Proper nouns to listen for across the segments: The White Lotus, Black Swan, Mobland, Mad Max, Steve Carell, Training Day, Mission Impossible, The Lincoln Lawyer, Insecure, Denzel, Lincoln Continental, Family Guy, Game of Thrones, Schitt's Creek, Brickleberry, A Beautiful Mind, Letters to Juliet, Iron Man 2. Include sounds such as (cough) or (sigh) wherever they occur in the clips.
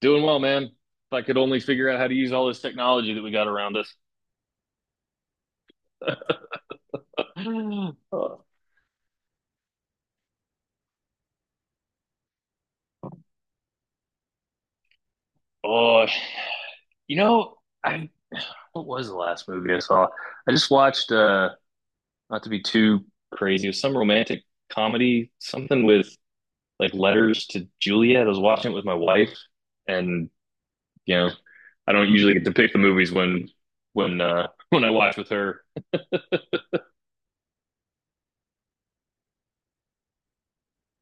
Doing well, man. If I could only figure out how to use all this technology that we got around us. (gasps) Oh, you know, I what was the last movie I saw? I just watched not to be too crazy, it was some romantic comedy, something with like Letters to Juliet. I was watching it with my wife, and you know, I don't usually get to pick the movies when (laughs) when I watch with her.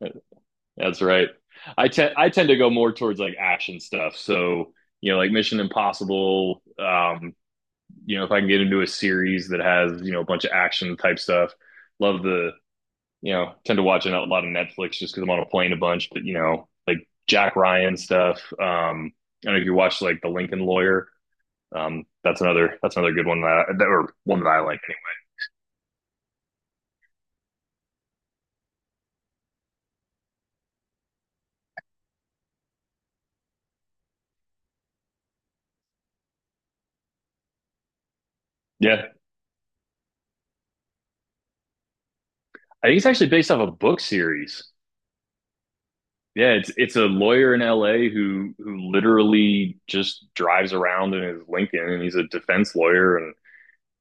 (laughs) That's right. I tend to go more towards like action stuff. So, like Mission Impossible, if I can get into a series that has, a bunch of action type stuff. Love tend to watch a lot of Netflix just because I'm on a plane a bunch, but like Jack Ryan stuff. I don't know if you watch like The Lincoln Lawyer. That's another good one that, I, that or one that I like. Yeah. I think it's actually based off a book series. Yeah, it's a lawyer in LA who literally just drives around in his Lincoln, and he's a defense lawyer. And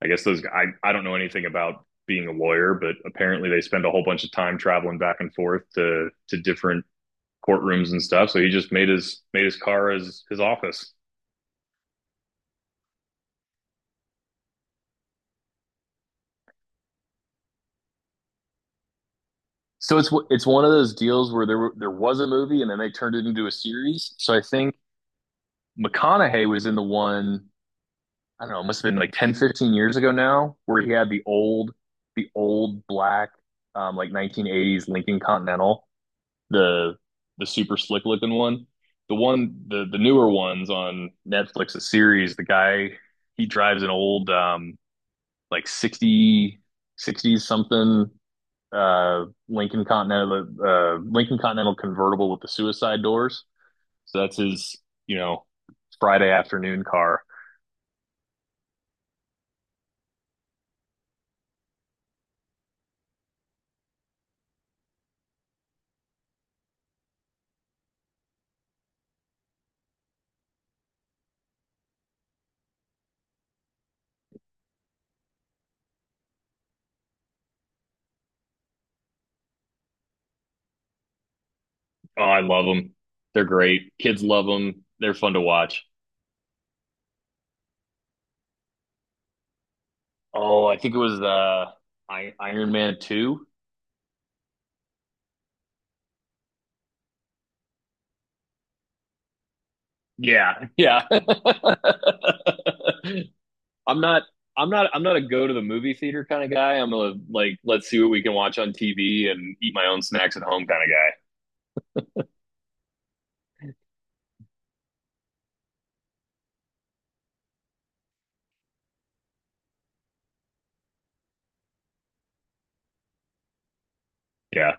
I guess those I don't know anything about being a lawyer, but apparently they spend a whole bunch of time traveling back and forth to different courtrooms and stuff. So he just made his car his office. So it's one of those deals where there was a movie, and then they turned it into a series. So I think McConaughey was in the one. I don't know, it must have been like 10, 15 years ago now, where he had the old black, like 1980s Lincoln Continental, the the super slick looking one. The newer ones on Netflix, a series. The guy, he drives an old, like sixty something, Lincoln Continental convertible with the suicide doors. So that's his, you know, Friday afternoon car. Oh, I love them. They're great. Kids love them. They're fun to watch. Oh, I think it was Iron Man 2. Yeah. Yeah. (laughs) I'm not I'm not a go to the movie theater kind of guy. I'm a, like, let's see what we can watch on TV and eat my own snacks at home kind of guy. Yeah.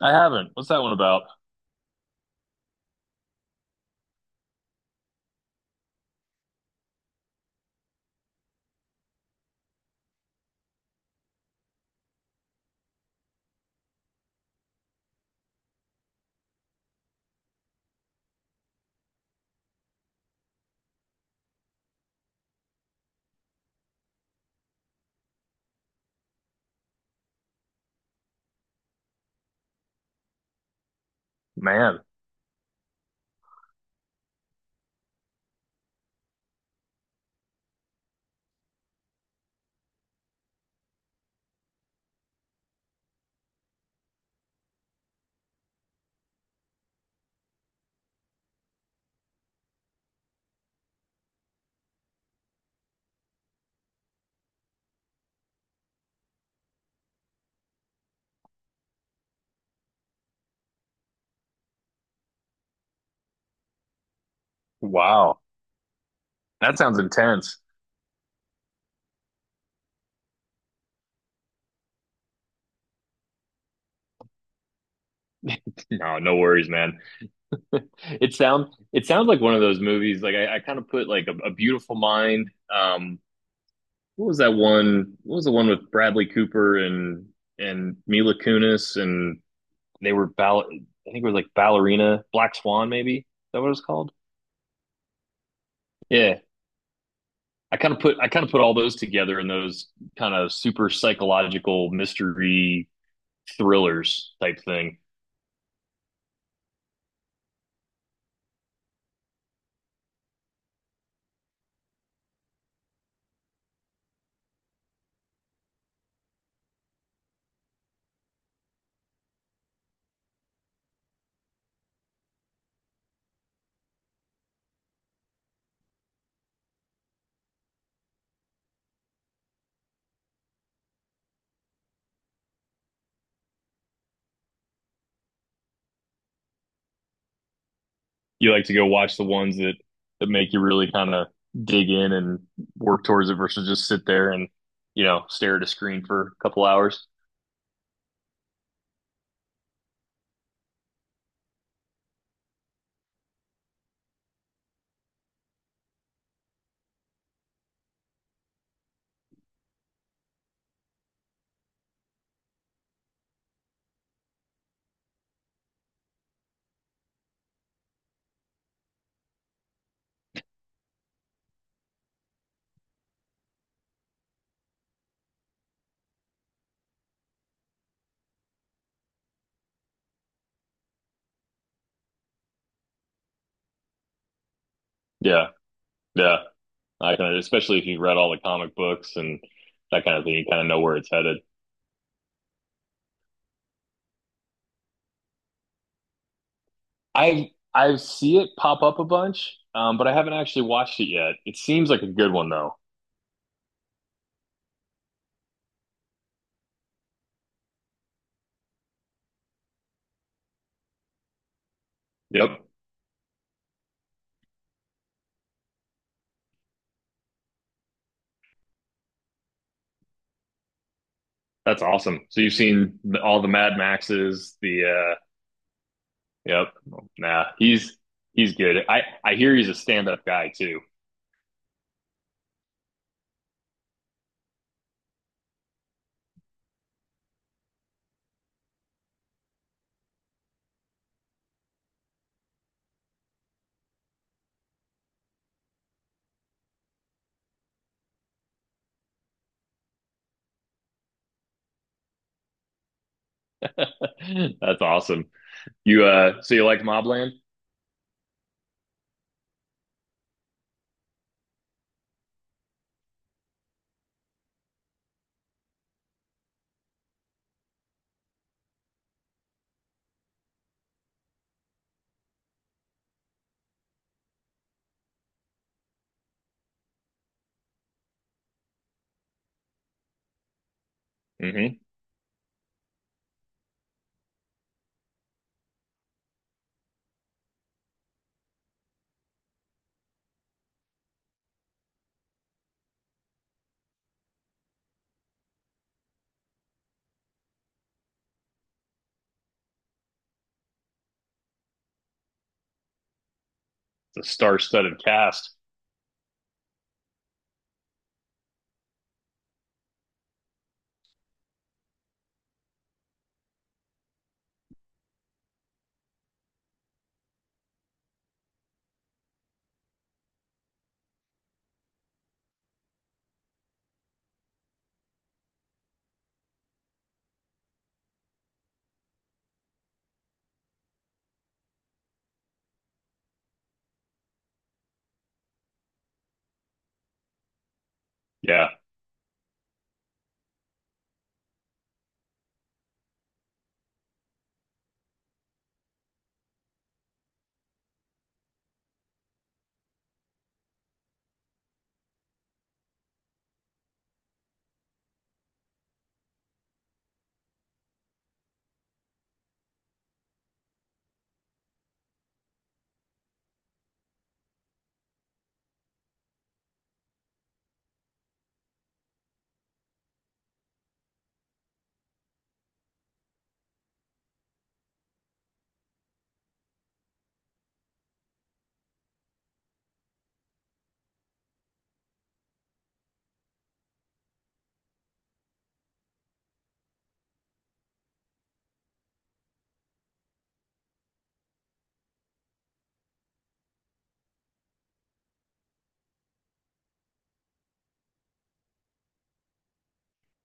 I haven't. What's that one about? Man. Wow. That sounds intense. No, no worries, man. (laughs) It sounds like one of those movies. Like I kind of put like a Beautiful Mind. What was that one? What was the one with Bradley Cooper and Mila Kunis and they were ball. I think it was like Ballerina, Black Swan, maybe. Is that what it was called? Yeah. I kind of put all those together in those kind of super psychological mystery thrillers type thing. You like to go watch the ones that make you really kind of dig in and work towards it versus just sit there and stare at a screen for a couple hours. Yeah, yeah. I kind of, especially if you've read all the comic books and that kind of thing, you kind of know where it's headed. I see it pop up a bunch, but I haven't actually watched it yet. It seems like a good one though. Yep, that's awesome. So you've seen all the Mad Maxes, the yep, nah, he's good. I hear he's a stand up guy too. (laughs) That's awesome. You So you like Mobland? Mm-hmm. It's a star-studded cast. Yeah,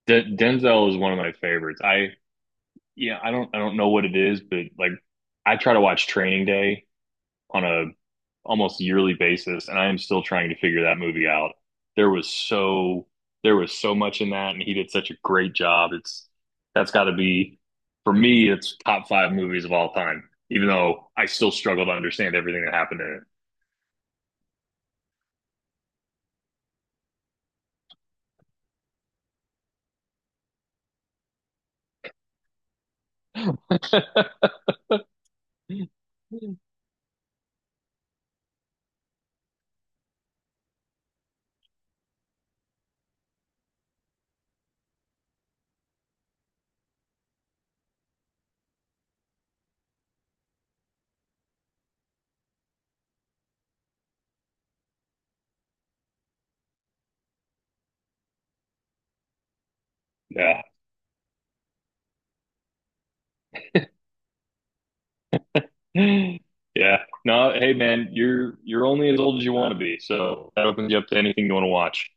Denzel is one of my favorites. I yeah, I don't know what it is, but like I try to watch Training Day on a almost yearly basis, and I am still trying to figure that movie out. There was so there was so much in that, and he did such a great job. It's that's got to be, for me. It's top five movies of all time, even though I still struggle to understand everything that happened in it. (laughs) (laughs) Yeah. Yeah. No, hey man, you're only as old as you want to be. So that opens you up to anything you want to watch.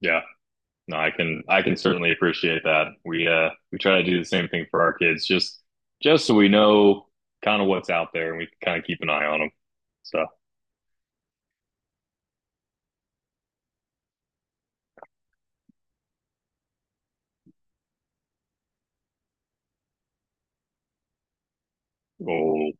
Yeah. No, I can certainly appreciate that. We try to do the same thing for our kids, just so we know kind of what's out there, and we can kind of keep an eye on them. So, oh,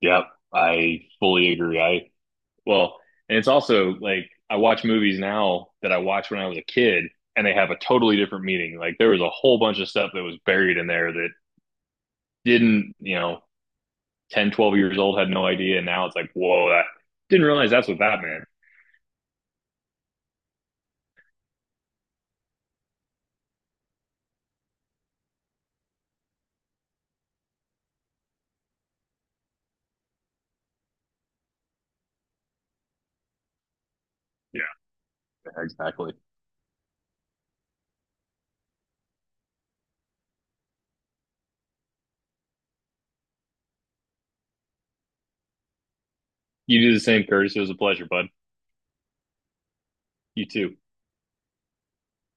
yep. I fully agree. I. Well, and it's also like I watch movies now that I watched when I was a kid, and they have a totally different meaning. Like there was a whole bunch of stuff that was buried in there that didn't, 10, 12 years old had no idea. And now it's like, whoa, that didn't realize that's what that meant. Yeah, exactly. You do the same, Curtis. It was a pleasure, bud. You too.